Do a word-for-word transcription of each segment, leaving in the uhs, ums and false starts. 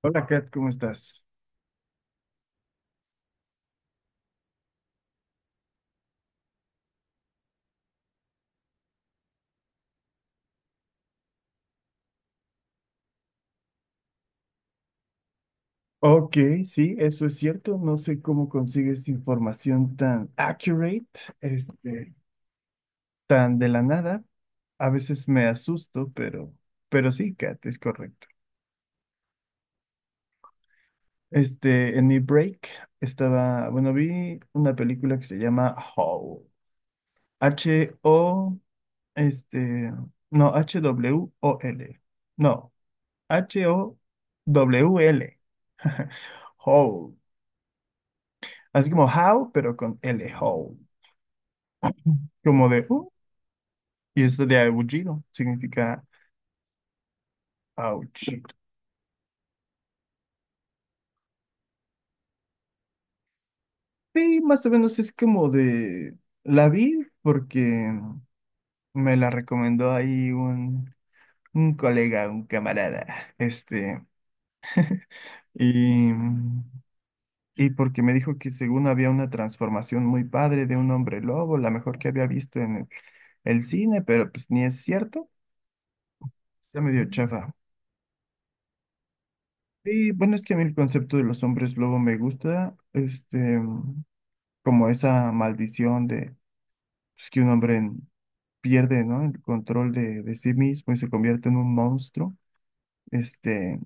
Hola Kat, ¿cómo estás? Ok, sí, eso es cierto. No sé cómo consigues información tan accurate, este, tan de la nada. A veces me asusto, pero, pero sí, Kat, es correcto. Este, en mi break estaba, bueno, vi una película que se llama Howl. H-O, este, no, H-W-O-L. No, H-O-W-L. Howl. Así como how, pero con L, Howl. Como de "Uh", y es de aullido, significa aullido. Y más o menos es como de la vi porque me la recomendó ahí un, un colega, un camarada, este, y, y porque me dijo que según había una transformación muy padre de un hombre lobo, la mejor que había visto en el, el cine, pero pues ni es cierto, está medio chafa. Y bueno, es que a mí el concepto de los hombres lobo me gusta, este. Como esa maldición de pues, que un hombre en- pierde, ¿no? El control de, de sí mismo y se convierte en un monstruo, este,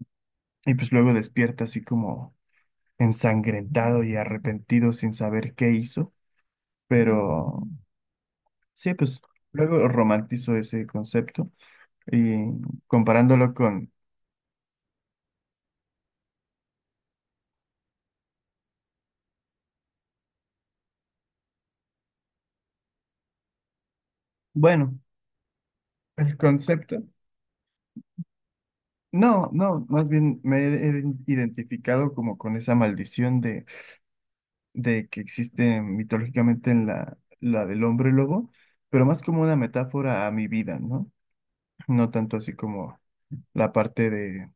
y pues luego despierta así como ensangrentado y arrepentido sin saber qué hizo, pero sí, pues luego romantizo ese concepto y comparándolo con, bueno, el concepto. No, no, más bien me he identificado como con esa maldición de de que existe mitológicamente en la, la del hombre lobo, pero más como una metáfora a mi vida, ¿no? No tanto así como la parte de.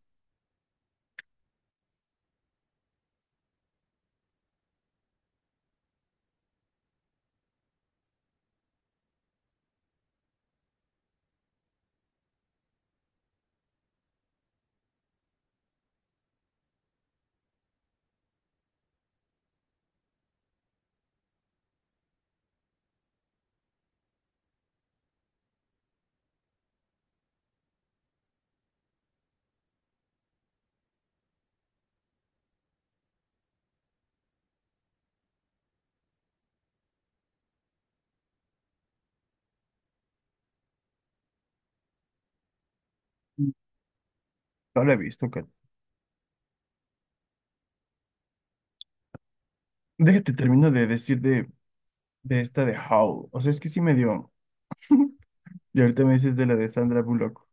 No la he visto, Kat. Déjate, termino de decir de, de esta de Howl. O sea, es que sí me dio. Y ahorita me dices de la de Sandra Bullock.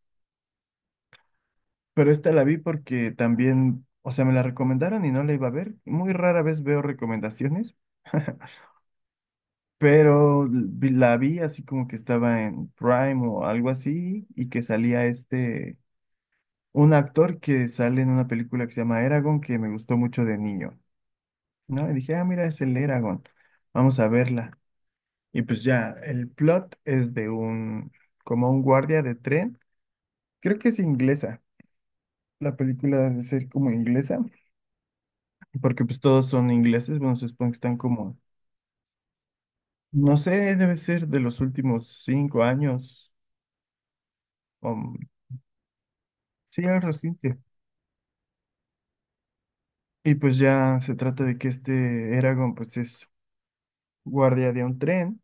Pero esta la vi porque también, o sea, me la recomendaron y no la iba a ver. Muy rara vez veo recomendaciones. Pero vi- la vi así como que estaba en Prime o algo así y que salía este... un actor que sale en una película que se llama Eragon, que me gustó mucho de niño, ¿no? Y dije, ah, mira, es el Eragon, vamos a verla. Y pues ya, el plot es de un, como un guardia de tren, creo que es inglesa, la película debe ser como inglesa, porque pues todos son ingleses, bueno, se supone que están como, no sé, debe ser de los últimos cinco años, o, sí, algo reciente. Y pues ya se trata de que este Eragon, pues es guardia de un tren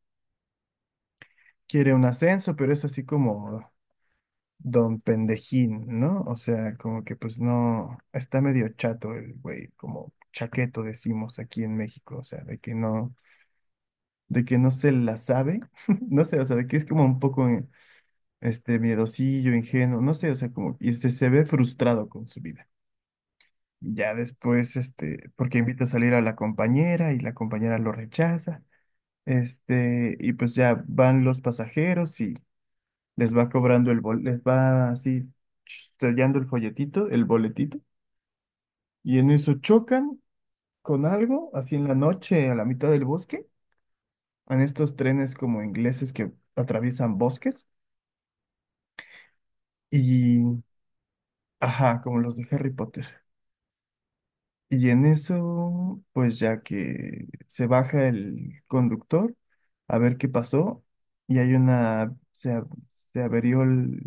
quiere un ascenso, pero es así como don pendejín, ¿no? O sea, como que pues no, está medio chato el güey, como chaqueto decimos aquí en México, o sea, de que no, de que no se la sabe, no sé, o sea, de que es como un poco eh, este miedosillo, ingenuo, no sé, o sea, como, y se, se ve frustrado con su vida. Ya después, este, porque invita a salir a la compañera y la compañera lo rechaza. Este, y pues ya van los pasajeros y les va cobrando el bol, les va así sellando el folletito, el boletito, y en eso chocan con algo, así en la noche, a la mitad del bosque, en estos trenes como ingleses que atraviesan bosques, y ajá, como los de Harry Potter. Y en eso, pues ya que se baja el conductor a ver qué pasó, y hay una, se, a- se averió el-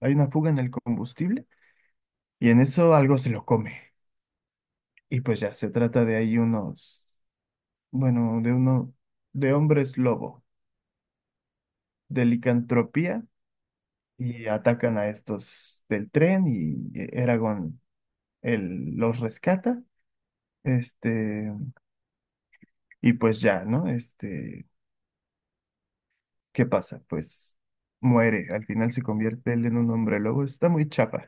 hay una fuga en el combustible, y en eso algo se lo come. Y pues ya se trata de ahí unos, bueno, de uno, de hombres lobo, de licantropía, y atacan a estos del tren y eh, Eragon él los rescata. Este, y pues ya, ¿no? Este, ¿qué pasa? Pues muere, al final se convierte él en un hombre lobo, está muy chapa,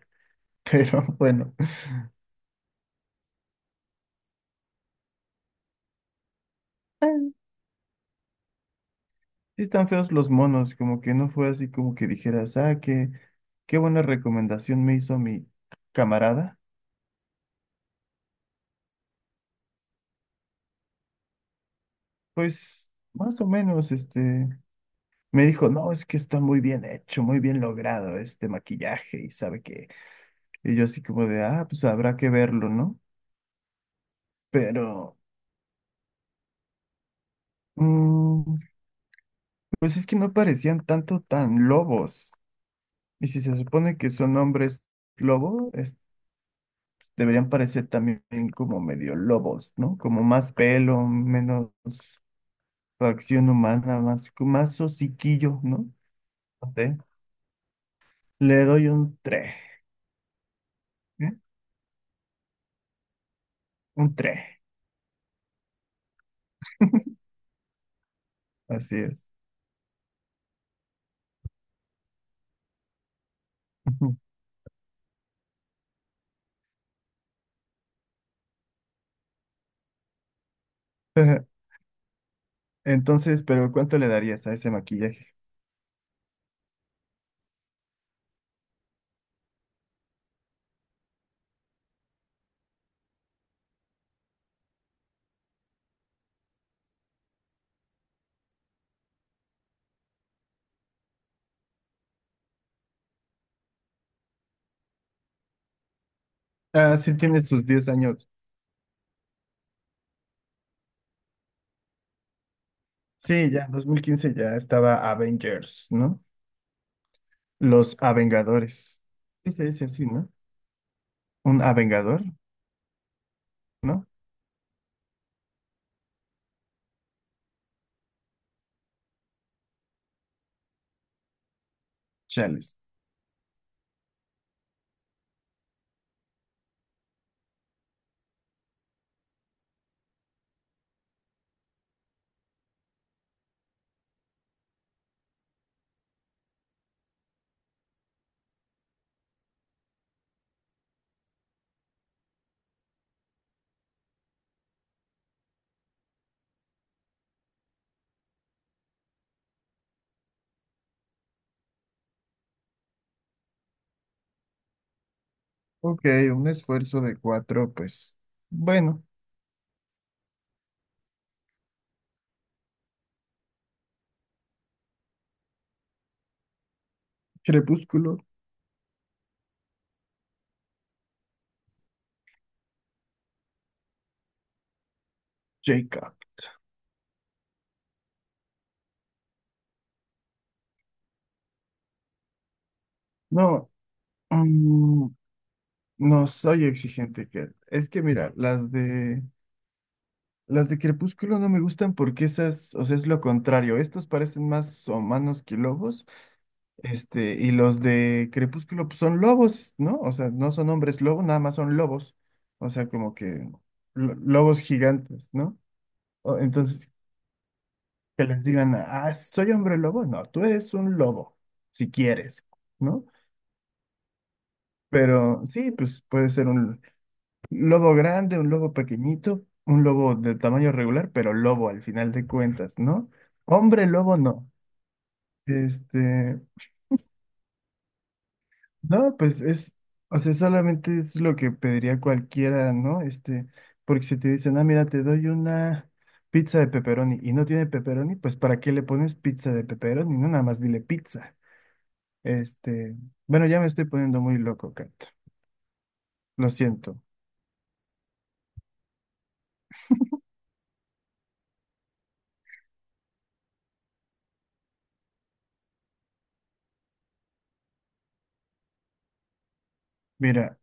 pero bueno, sí están feos los monos, como que no fue así como que dijeras, ah, qué, qué buena recomendación me hizo mi camarada. Pues más o menos, este, me dijo, no, es que está muy bien hecho, muy bien logrado este maquillaje y sabe que, y yo así como de, ah, pues habrá que verlo, ¿no? Pero, mm, pues es que no parecían tanto tan lobos. Y si se supone que son hombres lobo, es- deberían parecer también como medio lobos, ¿no? Como más pelo, menos facción humana, más, más hociquillo, ¿no? No sé. Le doy un tres, ¿eh? Un tres. Así es. Ujú. Entonces, pero ¿cuánto le darías a ese maquillaje? Ah, sí tiene sus diez años. Sí, ya, dos mil quince ya estaba Avengers, ¿no? Los Avengadores. Sí se dice así, ¿no? Un Avengador, ¿no? Chales. Ok, un esfuerzo de cuatro, pues, bueno, Crepúsculo, Jacob. No, mm, no soy exigente, que Es que mira, las de Las de Crepúsculo no me gustan porque esas, o sea, es lo contrario. Estos parecen más humanos que lobos. Este, y los de Crepúsculo pues, son lobos, ¿no? O sea, no son hombres lobo, nada más son lobos. O sea, como que lo- lobos gigantes, ¿no? O- entonces, que les digan, ah, soy hombre lobo. No, tú eres un lobo, si quieres, ¿no? Pero sí, pues puede ser un, lobo grande, un lobo pequeñito, un lobo de tamaño regular, pero lobo al final de cuentas, ¿no? Hombre lobo no. Este, no, pues es, o sea, solamente es lo que pediría cualquiera, ¿no? Este, porque si te dicen, ah, mira, te doy una pizza de pepperoni y no tiene pepperoni, pues ¿para qué le pones pizza de pepperoni? No, nada más dile pizza. Este, bueno, ya me estoy poniendo muy loco, Kat. Lo siento. Mira,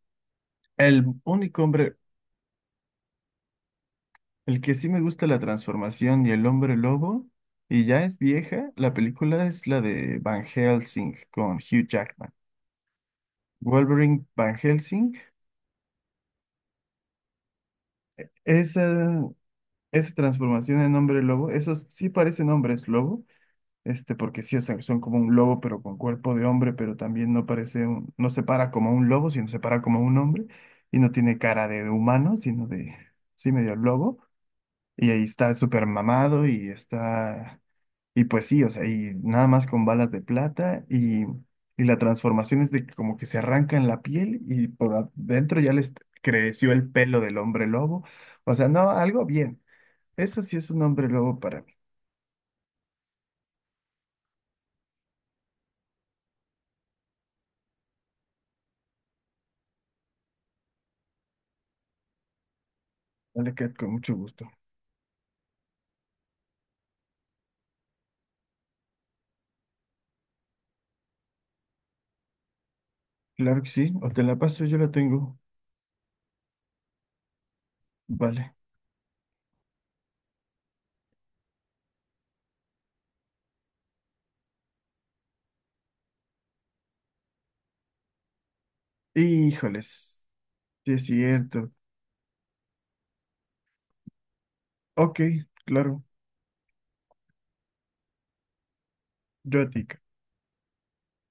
el único hombre el que sí me gusta la transformación y el hombre lobo, y ya es vieja, la película es la de Van Helsing con Hugh Jackman. Wolverine Van Helsing, esa, esa transformación en hombre lobo, esos sí parecen hombres lobo, este, porque sí, o sea, son como un lobo, pero con cuerpo de hombre, pero también no parece, un- no se para como un lobo, sino se para como un hombre, y no tiene cara de humano, sino de, sí, medio lobo. Y ahí está súper mamado y está y pues sí, o sea, y nada más con balas de plata y, y la transformación es de que como que se arrancan la piel y por adentro ya les creció el pelo del hombre lobo. O sea, no, algo bien. Eso sí es un hombre lobo para mí. Vale, Kat, con mucho gusto. Claro que sí, o te la paso, yo la tengo. Vale. Híjoles, sí es cierto. Ok, claro, yo a ti, Kat.